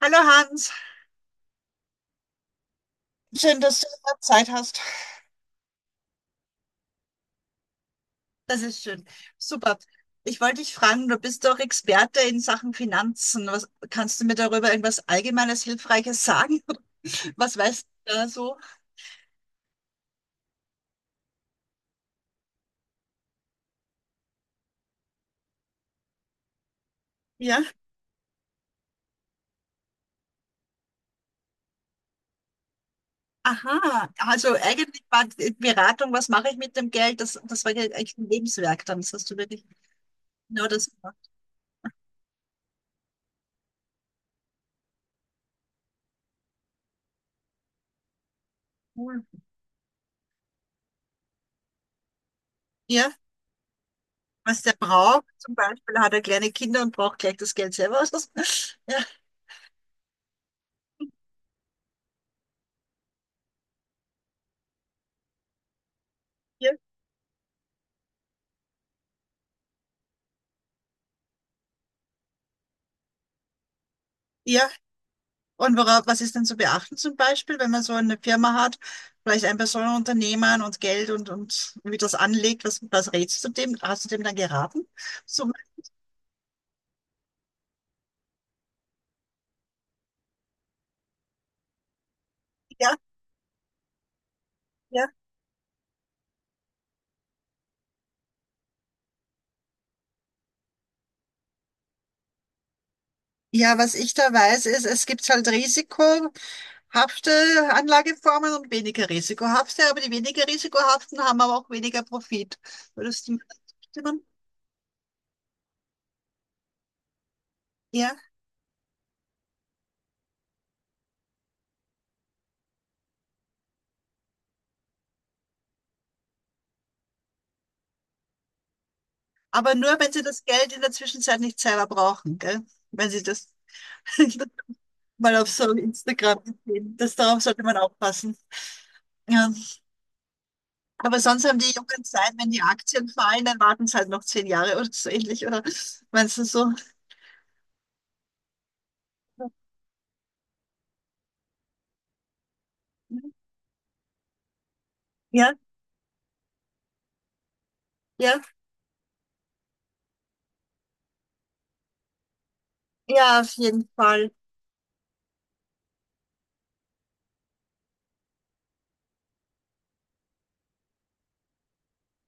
Hallo Hans, schön, dass du wieder Zeit hast. Das ist schön. Super. Ich wollte dich fragen, du bist doch Experte in Sachen Finanzen. Kannst du mir darüber irgendwas Allgemeines, Hilfreiches sagen? Was weißt du da so? Ja. Aha, also eigentlich war die Beratung, was mache ich mit dem Geld? Das war ja eigentlich ein Lebenswerk dann. Das hast du wirklich genau das gemacht. Cool. Ja, was der braucht. Zum Beispiel hat er kleine Kinder und braucht gleich das Geld selber. Ja, ja, ja. Und was ist denn zu beachten zum Beispiel, wenn man so eine Firma hat, vielleicht ein Personenunternehmen und Geld und wie das anlegt, was rätst du dem? Hast du dem dann geraten? So, ja, ja. Ja, was ich da weiß, ist, es gibt halt risikohafte Anlageformen und weniger risikohafte, aber die weniger risikohaften haben aber auch weniger Profit. Würdest du mir da zustimmen? Ja, aber nur, wenn sie das Geld in der Zwischenzeit nicht selber brauchen, gell? Wenn sie das, mal auf so Instagram gesehen. Darauf sollte man aufpassen. Ja. Aber sonst haben die Jungen Zeit, wenn die Aktien fallen, dann warten sie halt noch 10 Jahre oder so ähnlich, oder meinst du so? Ja, ja, ja, auf jeden Fall.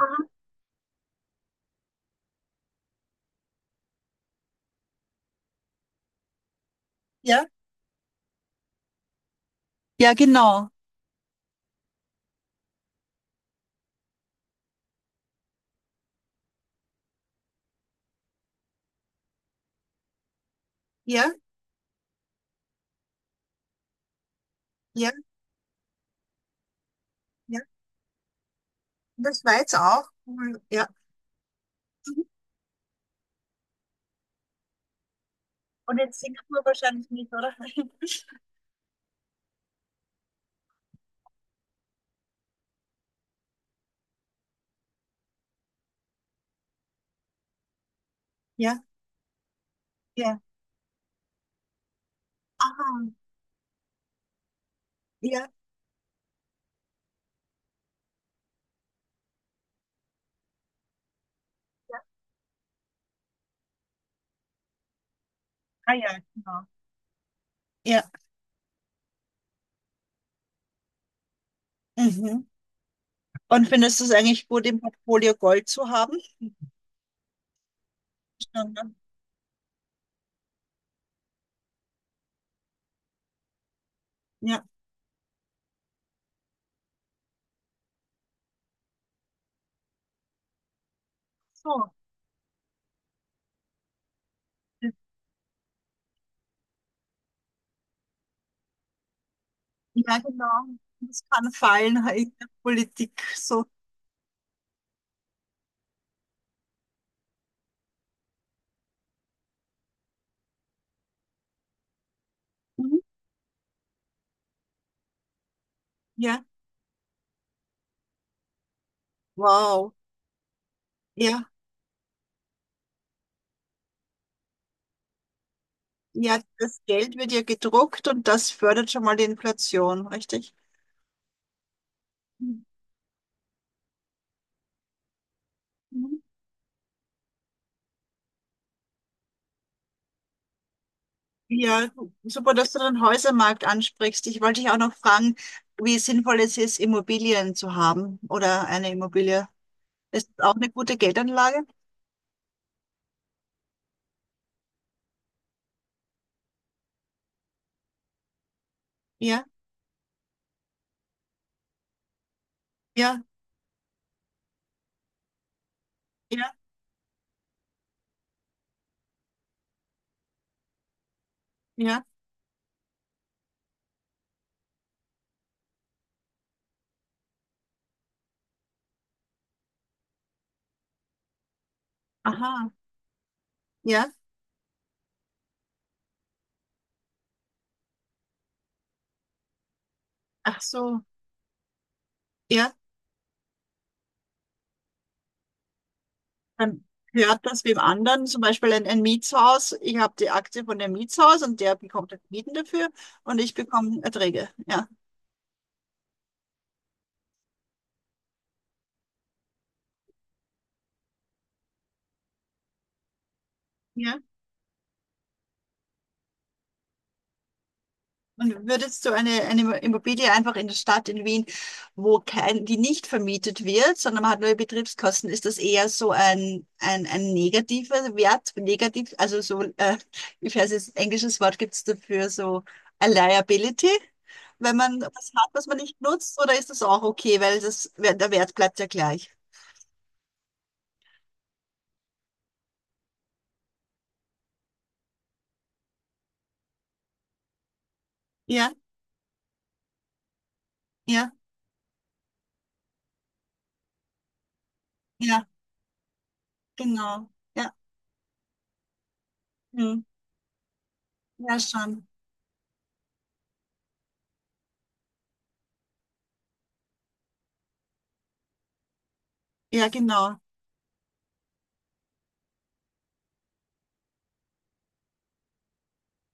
Aha. Ja, ja, genau. Ja, ja, ja. In der Schweiz auch. Cool. Ja. Mhm. Und in Singapur wahrscheinlich nicht, oder? Ja, ja. Aha. Ja, ja. Ah ja, genau. Ja. Mhm. Und findest du es eigentlich gut, im Portfolio Gold zu haben? Ja. Ne? Ja. So, das- ja, genau. Das kann fallen halt in der Politik. So. Mhm. Ja, wow. Ja, ja, das Geld wird ja gedruckt und das fördert schon mal die Inflation, richtig? Mhm. Ja, super, dass du den Häusermarkt ansprichst. Ich wollte dich auch noch fragen, wie sinnvoll es ist, Immobilien zu haben oder eine Immobilie. Ist das auch eine gute Geldanlage? Ja, ja, ja, ja. Aha, ja. Ach so, ja. Man hört das beim anderen, zum Beispiel ein Mietshaus. Ich habe die Aktie von dem Mietshaus und der bekommt halt Mieten dafür und ich bekomme Erträge. Ja. Ja. Und würdest du eine Immobilie einfach in der Stadt in Wien, wo kein, die nicht vermietet wird, sondern man hat nur Betriebskosten, ist das eher so ein negativer Wert, also so, ich weiß jetzt, englisches Wort gibt es dafür, so a liability, wenn man was hat, was man nicht nutzt, oder ist das auch okay, weil der Wert bleibt ja gleich? Ja, ja, ja, genau. Ja, hm, ja schon. Ja, genau.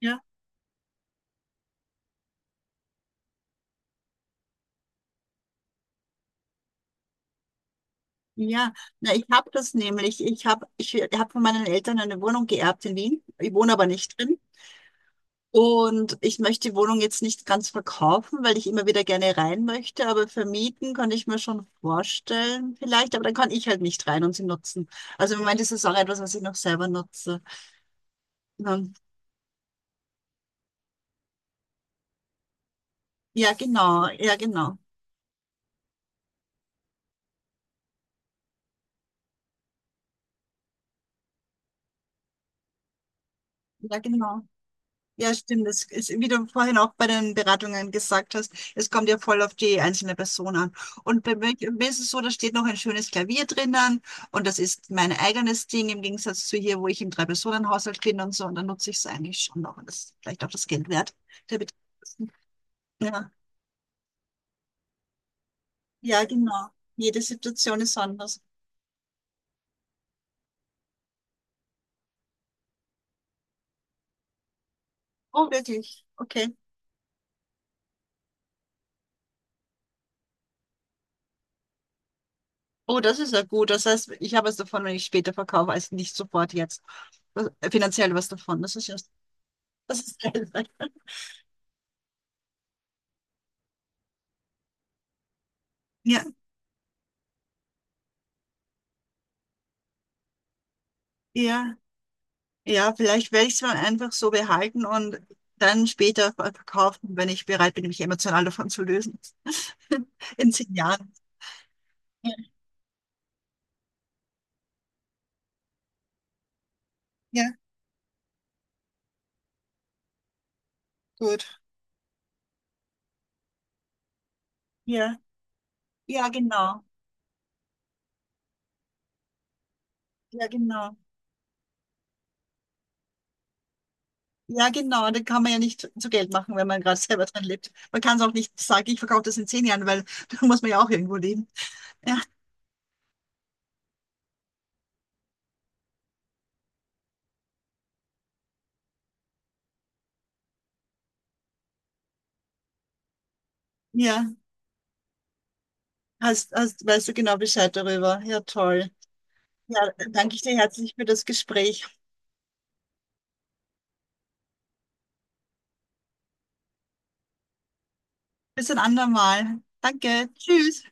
Ja, ja. Na, ich habe das nämlich. Ich habe von meinen Eltern eine Wohnung geerbt in Wien. Ich wohne aber nicht drin. Und ich möchte die Wohnung jetzt nicht ganz verkaufen, weil ich immer wieder gerne rein möchte. Aber vermieten kann ich mir schon vorstellen, vielleicht. Aber dann kann ich halt nicht rein und sie nutzen. Also im Moment ist es auch etwas, was ich noch selber nutze. Ja, ja, genau. Ja, genau. Ja, genau. Ja, stimmt. Das ist, wie du vorhin auch bei den Beratungen gesagt hast, es kommt ja voll auf die einzelne Person an. Und bei mir ist es so, da steht noch ein schönes Klavier drinnen und das ist mein eigenes Ding im Gegensatz zu hier, wo ich im Drei-Personen-Haushalt bin und so. Und dann nutze ich es eigentlich schon noch und das ist vielleicht auch das Geld wert. Der Betriebskosten. Ja. Ja, genau. Jede Situation ist anders. Oh, wirklich? Okay. Oh, das ist ja gut. Das heißt, ich habe was davon, wenn ich später verkaufe, als nicht sofort jetzt. Das- Finanziell was davon. Das ist ja, das ist geil. Ja. Ja, ja, vielleicht werde ich es mal einfach so behalten und dann später verkaufen, wenn ich bereit bin, mich emotional davon zu lösen. In 10 Jahren. Ja, ja, gut. Ja, ja, genau. Ja, genau. Ja, genau. Und dann kann man ja nicht zu Geld machen, wenn man gerade selber drin lebt. Man kann es auch nicht sagen, ich verkaufe das in 10 Jahren, weil da muss man ja auch irgendwo leben. Ja, ja. Weißt du genau Bescheid darüber. Ja, toll. Ja, danke ich dir herzlich für das Gespräch. Bis ein andermal. Danke. Tschüss.